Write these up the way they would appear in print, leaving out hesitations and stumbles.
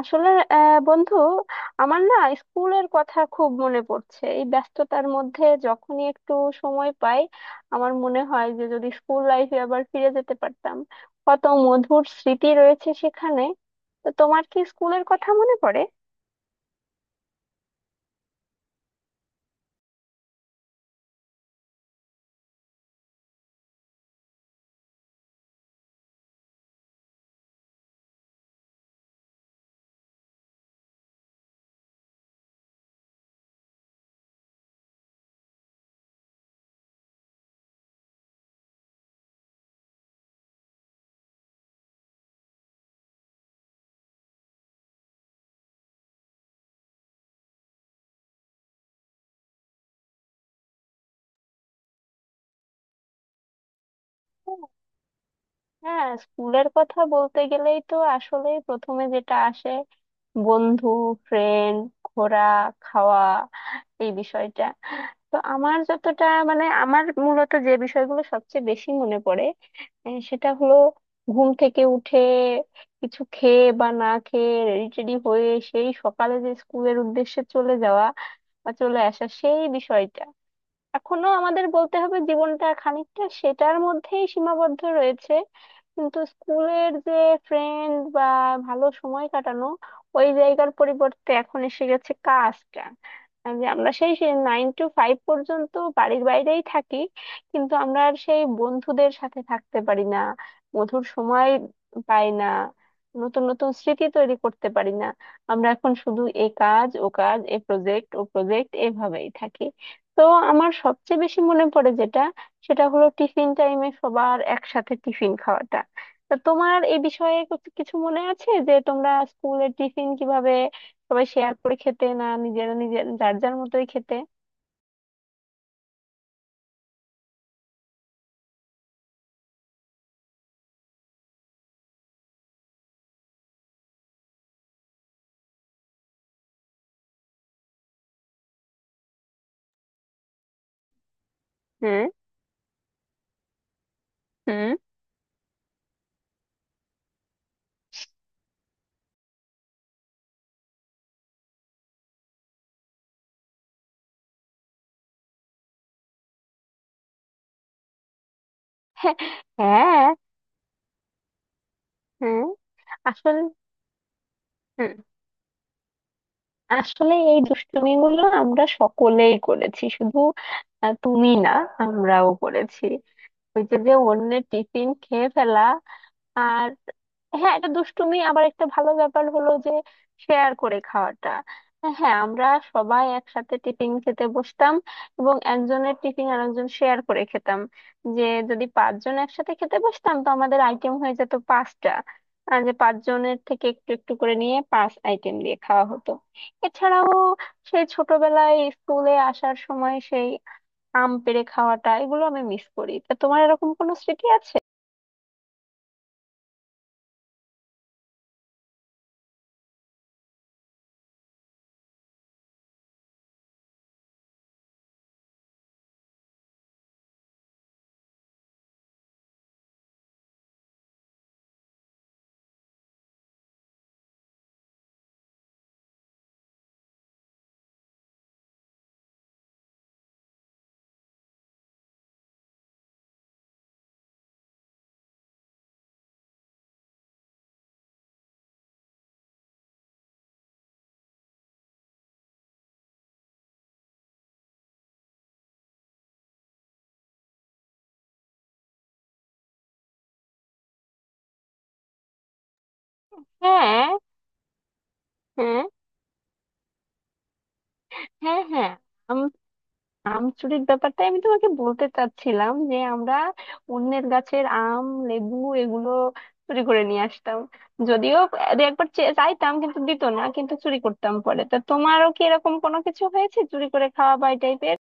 আসলে, বন্ধু, আমার না স্কুলের কথা খুব মনে পড়ছে এই ব্যস্ততার মধ্যে। যখনই একটু সময় পাই আমার মনে হয় যে যদি স্কুল লাইফে আবার ফিরে যেতে পারতাম। কত মধুর স্মৃতি রয়েছে সেখানে। তো তোমার কি স্কুলের কথা মনে পড়ে? হ্যাঁ, স্কুলের কথা বলতে গেলেই তো আসলে প্রথমে যেটা আসে বন্ধু, ফ্রেন্ড, ঘোরা, খাওয়া, এই বিষয়টা। তো আমার যতটা, মানে আমার মূলত যে বিষয়গুলো সবচেয়ে বেশি মনে পড়ে, সেটা হলো ঘুম থেকে উঠে কিছু খেয়ে বা না খেয়ে রেডি টেডি হয়ে সেই সকালে যে স্কুলের উদ্দেশ্যে চলে যাওয়া বা চলে আসা সেই বিষয়টা। এখনো আমাদের বলতে হবে জীবনটা খানিকটা সেটার মধ্যেই সীমাবদ্ধ রয়েছে। কিন্তু স্কুলের যে ফ্রেন্ড বা ভালো সময় কাটানো ওই জায়গার পরিবর্তে এখন এসে গেছে কাজটা। যে আমরা সেই নাইন টু ফাইভ পর্যন্ত বাড়ির বাইরেই থাকি, কিন্তু আমরা আর সেই বন্ধুদের সাথে থাকতে পারি না। মধুর সময় পাই না, নতুন নতুন স্মৃতি তৈরি করতে পারি না। আমরা এখন শুধু এ কাজ ও কাজ, এ প্রজেক্ট ও প্রজেক্ট এভাবেই থাকি। তো আমার সবচেয়ে বেশি মনে পড়ে যেটা সেটা হলো টিফিন টাইমে সবার একসাথে টিফিন খাওয়াটা। তা তোমার এই বিষয়ে কিছু কিছু মনে আছে যে তোমরা স্কুলের টিফিন কিভাবে সবাই শেয়ার করে খেতে, না নিজেরা নিজের যার যার মতোই খেতে? হুম। হুম। হ্যাঁ। হ্যাঁ। হুম। আসলে। হুম। আসলে এই দুষ্টুমিগুলো আমরা সকলেই করেছি, শুধু তুমি না, আমরাও করেছি। ওই যে যে অন্যের টিফিন খেয়ে ফেলা। আর, হ্যাঁ, এটা দুষ্টুমি, আবার একটা ভালো ব্যাপার হলো যে শেয়ার করে খাওয়াটা। হ্যাঁ, আমরা সবাই একসাথে টিফিন খেতে বসতাম এবং একজনের টিফিন আরেকজন শেয়ার করে খেতাম। যে যদি পাঁচজন একসাথে খেতে বসতাম তো আমাদের আইটেম হয়ে যেত পাঁচটা। আর যে পাঁচজনের থেকে একটু একটু করে নিয়ে পাঁচ আইটেম দিয়ে খাওয়া হতো। এছাড়াও সেই ছোটবেলায় স্কুলে আসার সময় সেই আম পেড়ে খাওয়াটা, এগুলো আমি মিস করি। তা তোমার এরকম কোনো স্মৃতি আছে? হ্যাঁ। হ্যাঁ। হ্যাঁ। হ্যাঁ। আম, আম চুরির ব্যাপারটা আমি তোমাকে বলতে চাচ্ছিলাম যে আমরা অন্যের গাছের আম, লেবু, এগুলো চুরি করে নিয়ে আসতাম। যদিও দু একবার চাইতাম কিন্তু দিত না, কিন্তু চুরি করতাম পরে। তা তোমারও কি এরকম কোনো কিছু হয়েছে, চুরি করে খাওয়া বা এই টাইপের?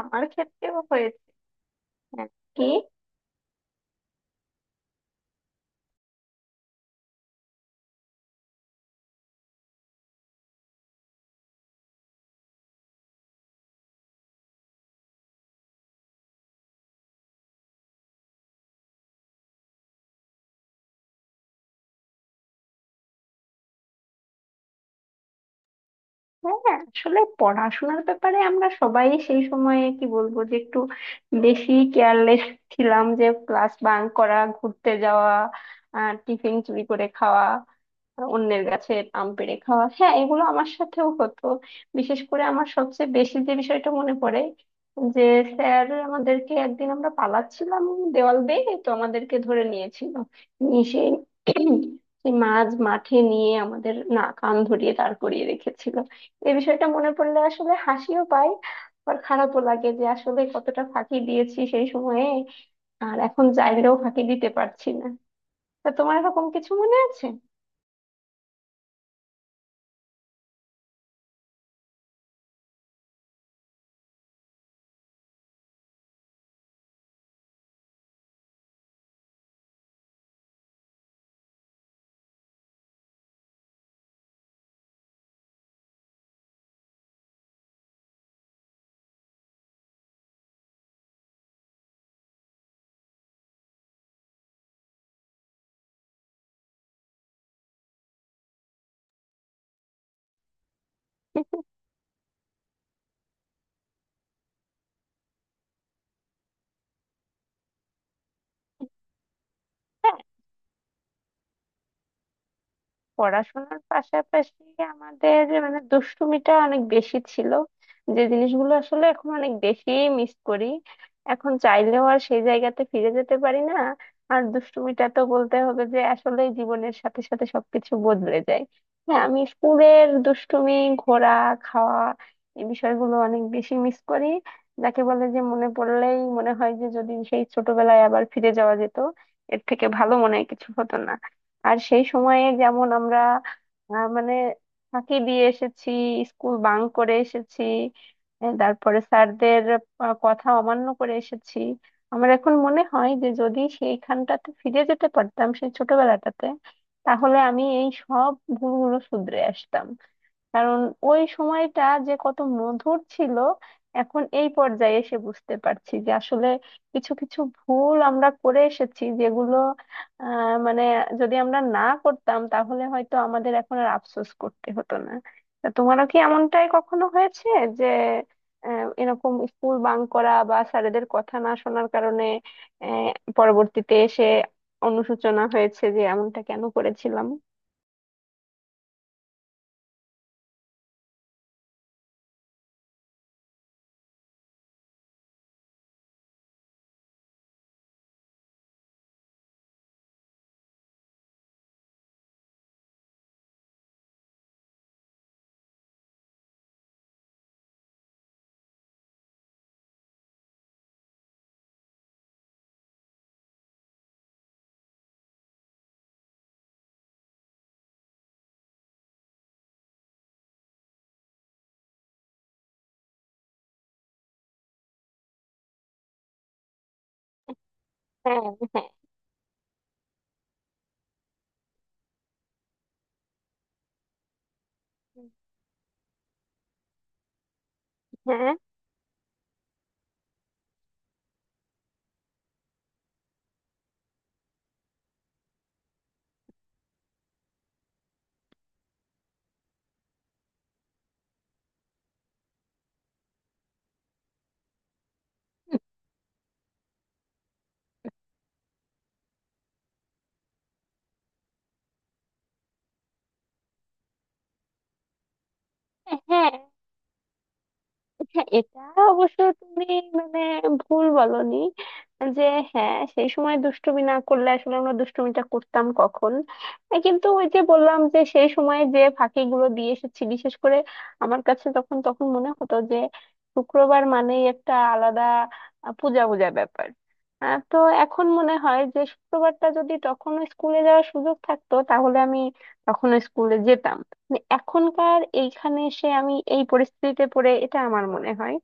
আমার ক্ষেত্রেও হয়েছে। হ্যাঁ। কি? হ্যাঁ, আসলে পড়াশোনার ব্যাপারে আমরা সবাই সেই সময়ে কি বলবো যে একটু বেশি কেয়ারলেস ছিলাম। যে ক্লাস বাঙ্ক করা, ঘুরতে যাওয়া, টিফিন চুরি করে খাওয়া, অন্যের গাছের আম পেড়ে খাওয়া, হ্যাঁ, এগুলো আমার সাথেও হতো। বিশেষ করে আমার সবচেয়ে বেশি যে বিষয়টা মনে পড়ে যে, স্যার আমাদেরকে একদিন, আমরা পালাচ্ছিলাম দেওয়াল বেয়ে, তো আমাদেরকে ধরে নিয়েছিল। নিয়ে সেই সেই মাঝ মাঠে নিয়ে আমাদের না কান ধরিয়ে দাঁড় করিয়ে রেখেছিল। এই বিষয়টা মনে পড়লে আসলে হাসিও পায় আর খারাপও লাগে যে আসলে কতটা ফাঁকি দিয়েছি সেই সময়ে। আর এখন চাইলেও ফাঁকি দিতে পারছি না। তা তোমার এরকম কিছু মনে আছে? পড়াশোনার পাশাপাশি আমাদের মানে দুষ্টুমিটা অনেক বেশি ছিল। যে জিনিসগুলো আসলে এখন অনেক বেশি মিস করি, এখন চাইলেও আর সেই জায়গাতে ফিরে যেতে পারি না। আর দুষ্টুমিটা তো বলতে হবে যে আসলে জীবনের সাথে সাথে সবকিছু বদলে যায়। হ্যাঁ, আমি স্কুলের দুষ্টুমি, ঘোরা, খাওয়া, এই বিষয়গুলো অনেক বেশি মিস করি। যাকে বলে যে মনে পড়লেই মনে হয় যে যদি সেই ছোটবেলায় আবার ফিরে যাওয়া যেত এর থেকে ভালো মনে হয় কিছু হতো না। আর সেই সময়ে যেমন আমরা মানে ফাঁকি দিয়ে এসেছি, স্কুল বাঙ্ক করে এসেছি, তারপরে স্যারদের কথা অমান্য করে এসেছি। আমার এখন মনে হয় যে যদি সেইখানটাতে ফিরে যেতে পারতাম সেই ছোটবেলাটাতে তাহলে আমি এই সব ভুলগুলো শুধরে আসতাম। কারণ ওই সময়টা যে কত মধুর ছিল এখন এই পর্যায়ে এসে বুঝতে পারছি যে আসলে কিছু কিছু ভুল আমরা করে এসেছি যেগুলো, মানে, যদি আমরা না করতাম তাহলে হয়তো আমাদের এখন আর আফসোস করতে হতো না। তা তোমারও কি এমনটাই কখনো হয়েছে যে এরকম স্কুল বাঙ্ক করা বা স্যারেদের কথা না শোনার কারণে আহ, পরবর্তীতে এসে অনুশোচনা হয়েছে যে এমনটা কেন করেছিলাম? হ্যাঁ। হ্যাঁ। হ্যাঁ। হ্যাঁ। হ্যাঁ, এটা অবশ্য তুমি, মানে, ভুল বলনি। যে, হ্যাঁ, সেই সময় দুষ্টুমি না করলে আসলে আমরা দুষ্টুমিটা করতাম কখন? কিন্তু ওই যে বললাম যে সেই সময় যে ফাঁকিগুলো দিয়ে এসেছি, বিশেষ করে আমার কাছে তখন তখন মনে হতো যে শুক্রবার মানেই একটা আলাদা পূজা পূজা ব্যাপার। তো এখন মনে হয় যে শুক্রবারটা যদি তখন স্কুলে যাওয়ার সুযোগ থাকতো তাহলে আমি তখন স্কুলে যেতাম। মানে এখনকার এইখানে এসে আমি এই পরিস্থিতিতে পড়ে এটা আমার মনে হয়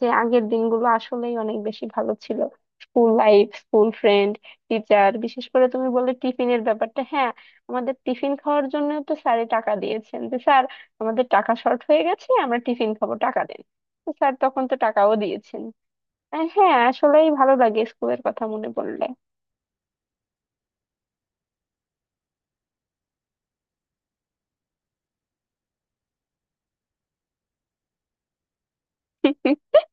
যে আগের দিনগুলো আসলেই অনেক বেশি ভালো ছিল। School life, school friend, teacher, বিশেষ করে তুমি বললে টিফিনের ব্যাপারটা, হ্যাঁ, আমাদের টিফিন খাওয়ার জন্য তো স্যারে টাকা দিয়েছেন যে, স্যার, আমাদের টাকা শর্ট হয়ে গেছে, আমরা টিফিন খাবো, টাকা দেন। তো স্যার তখন তো টাকাও দিয়েছেন। হ্যাঁ, আসলেই ভালো লাগে স্কুলের কথা মনে পড়লে।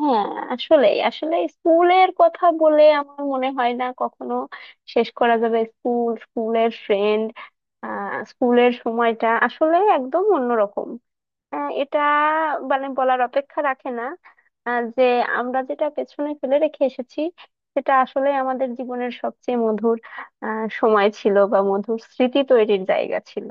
হ্যাঁ, আসলে আসলে স্কুলের কথা বলে আমার মনে হয় না কখনো শেষ করা যাবে। স্কুল, স্কুলের ফ্রেন্ড, স্কুলের সময়টা আসলে একদম অন্যরকম। এটা মানে বলার অপেক্ষা রাখে না যে আমরা যেটা পেছনে ফেলে রেখে এসেছি সেটা আসলে আমাদের জীবনের সবচেয়ে মধুর সময় ছিল বা মধুর স্মৃতি তৈরির জায়গা ছিল।